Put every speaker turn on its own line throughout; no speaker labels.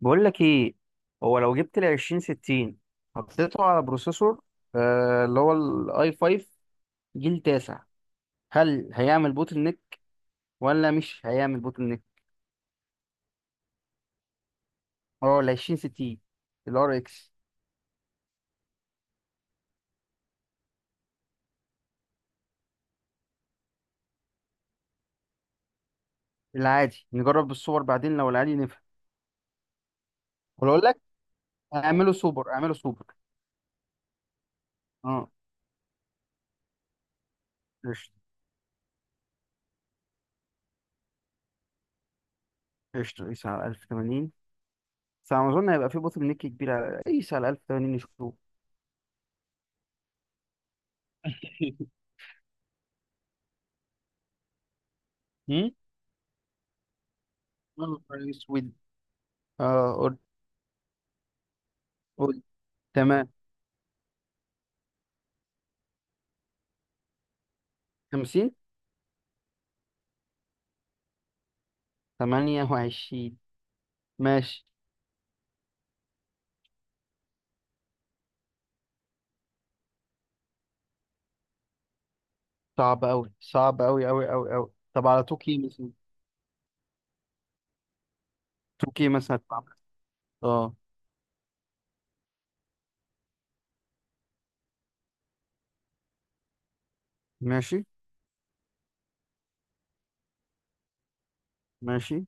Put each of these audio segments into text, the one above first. بقول لك ايه؟ هو لو جبت ال 20 60 حطيته على بروسيسور، اللي هو الاي 5 جيل تاسع، هل هيعمل بوتل نيك ولا مش هيعمل بوتل نيك؟ اه ال 20 60، الار اكس. العادي نجرب بالسوبر بعدين لو العادي نفهم. ولو اقول لك اعمله سوبر اعمله سوبر. اه، قشطة قشطة. قيس على 1080. بس على ما اظن هيبقى في بوتل نيك كبير على، قيس على 1080 نشوف. هم؟ يا نهار اسود. اه قول قول. تمام. 50. 28. ماشي. صعب أوي، صعب أوي أوي أوي أوي. طب على توكي مثلا؟ توكي مثلا هتتعمل. اه ماشي ماشي.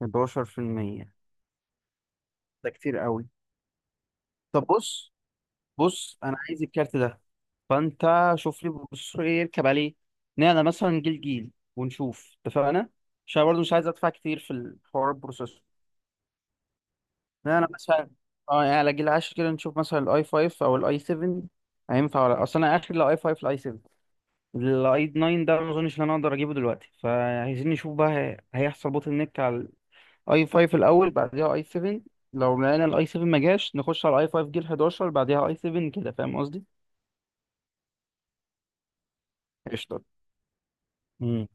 11%، ده كتير أوي. طب بص. بص، أنا عايز الكارت ده، فأنت شوف لي بص إيه يركب عليه. نعمل مثلا جيل جيل ونشوف اتفقنا. عشان برضه مش عايز أدفع كتير في الحوار البروسيسور. نعمل مثلا، اه يعني على جيل 10 كده نشوف مثلا الأي 5 أو الأي 7 هينفع ولا؟ أصل أنا آخر الأي 5 الأي 7، الاي 9 ده ما اظنش ان انا اقدر اجيبه دلوقتي، فعايزين نشوف بقى هيحصل بوتل نيك على الاي 5 الاول، بعدها اي 7. لو لقينا الاي 7 ما جاش نخش على الاي 5 جيل 11، بعدها اي 7، كده فاهم قصدي؟ قشطة. امم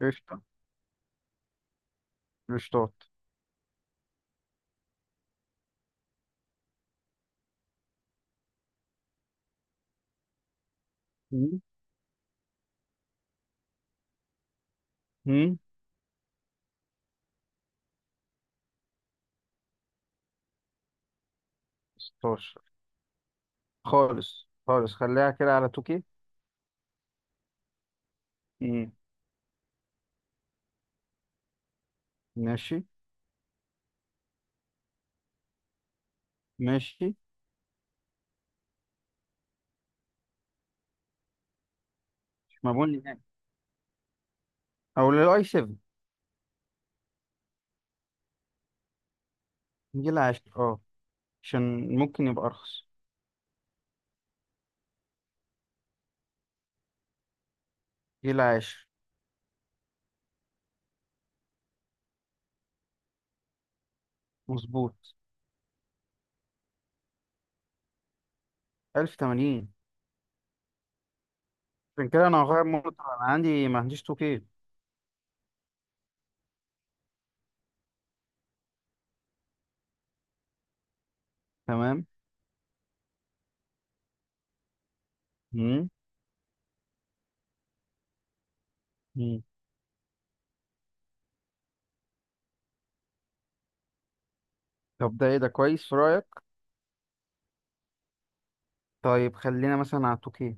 قشطة، قشطات. امم 16 خالص، خالص خليها كده على 2K. امم. ماشي ماشي مبون نهائي، او للاي 7 جيل 10، عشان ممكن يبقى ارخص. جيل 10. مظبوط. 1080. عشان كده انا هغير مونيتور، انا عندي ما عنديش 2K. تمام. مم. مم. طب ده ايه؟ ده كويس في رايك؟ طيب خلينا مثلا على 2K.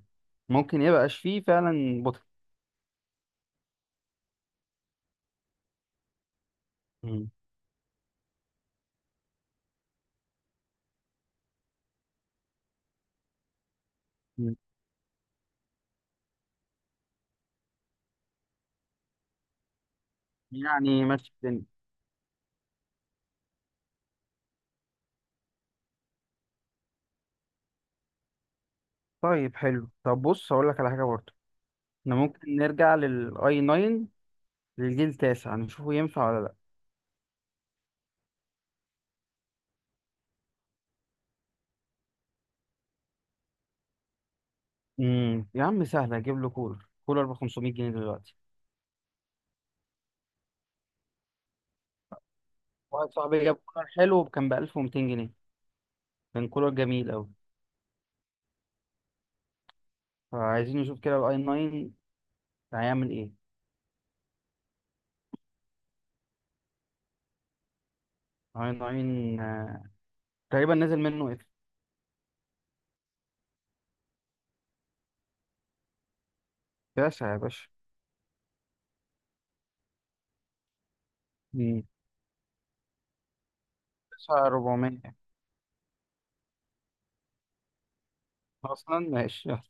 ممكن يبقاش فيه فعلا بطل. مم. مم. يعني ماشي الدنيا. طيب حلو. طب بص هقول لك على حاجه برضه. احنا ممكن نرجع للاي 9، للجيل التاسع، نشوفه ينفع ولا لا. مم. يا عم سهل اجيب له كولر. كولر ب 500 جنيه دلوقتي. واحد صاحبي جاب كولر حلو كان ب 1200 جنيه، كان كولر جميل قوي. فعايزين نشوف كده الاي 9 هيعمل ايه. اي 9، تقريبا نزل منه اف. تسعة يا باشا. مم. تسعة 400. اصلا ماشي، يلا.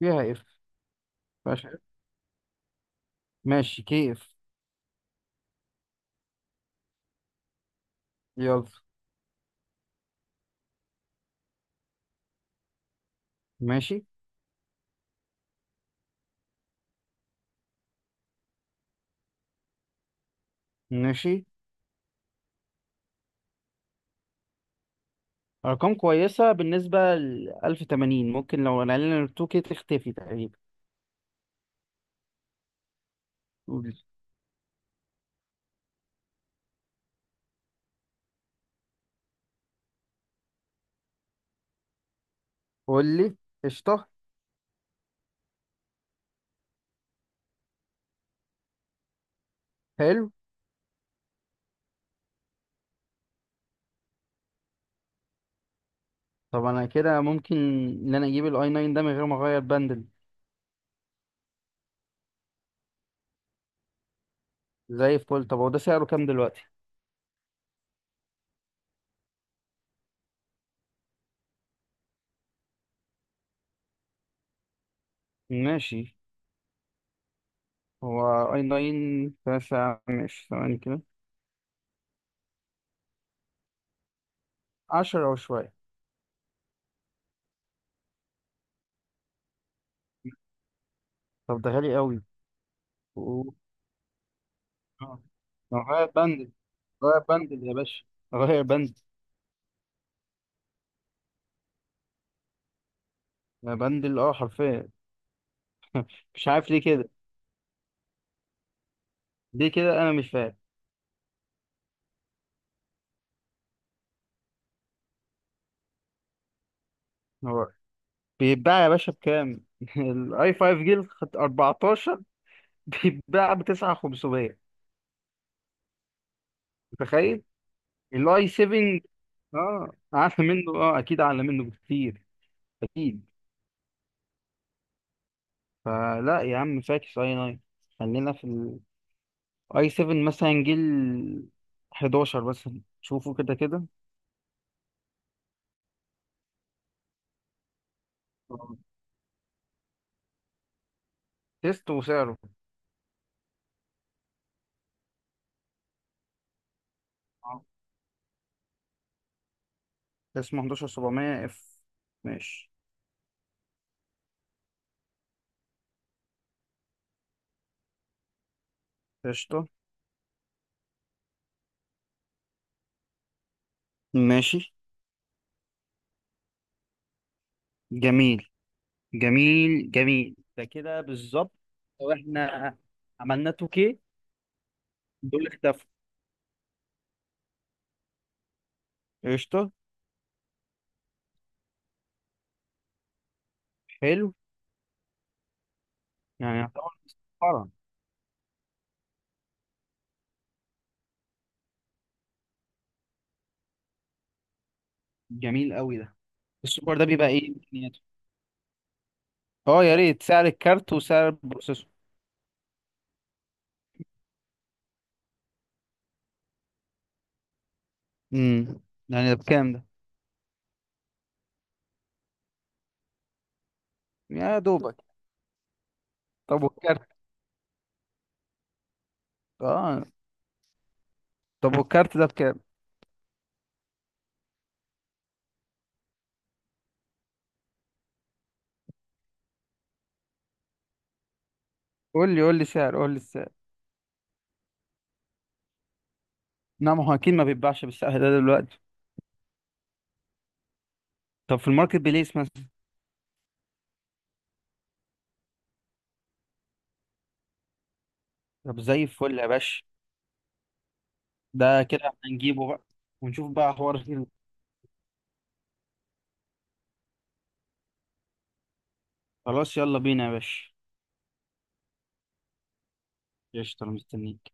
فيها اف. باشا F. ماشي كيف. يلا. ماشي ماشي. ارقام كويسة بالنسبة ل 1080، ممكن لو نقلنا ال 2K تختفي تقريبا. قول قول لي. قشطة. حلو. طب انا كده ممكن ان انا اجيب الاي 9 ده من غير ما اغير بندل. زي الفل. طب هو ده سعره كام دلوقتي؟ ماشي. هو اي 9، تسعة، ماشي ثواني كده. عشرة وشوية. طب ده غالي قوي. و- اه ما هو غاية بندل. غاية بندل يا باشا. غاية بندل. يا بندل، اه، حرفيا. مش عارف ليه كده. ليه كده انا مش فاهم. هو بيتباع يا باشا بكام؟ الاي 5 جيل 14 بيتباع ب 9500، متخيل؟ الاي 7 اه، اعلى منه. اه، اكيد اعلى منه بكتير. اكيد. فلا يا عم فاكس اي 9. خلينا في الاي 7 مثلا، جيل 11 مثلا، شوفوا كده كده. تيست وسعره. اه، اسمه 11700 اف. ماشي. قشطة. ماشي. جميل جميل جميل، ده كده بالظبط. لو احنا عملنا 2K دول اختفوا. قشطة. حلو. يعني يعتبر مسخرة. جميل قوي ده. السوبر ده بيبقى ايه امكانياته؟ اه يا ريت سعر الكارت وسعر البروسيسور. امم يعني ده بكام ده. يا دوبك. طب والكارت اه طب والكارت ده بكام؟ قول لي قول لي سعر قول لي السعر. نعم، هو اكيد ما بيتباعش بالسعر ده دلوقتي. طب في الماركت بليس مثلا. طب زي الفل يا باشا. ده كده هنجيبه بقى، ونشوف بقى حوار فيه. خلاص يلا بينا يا باشا. قشطة أنا مستنيك.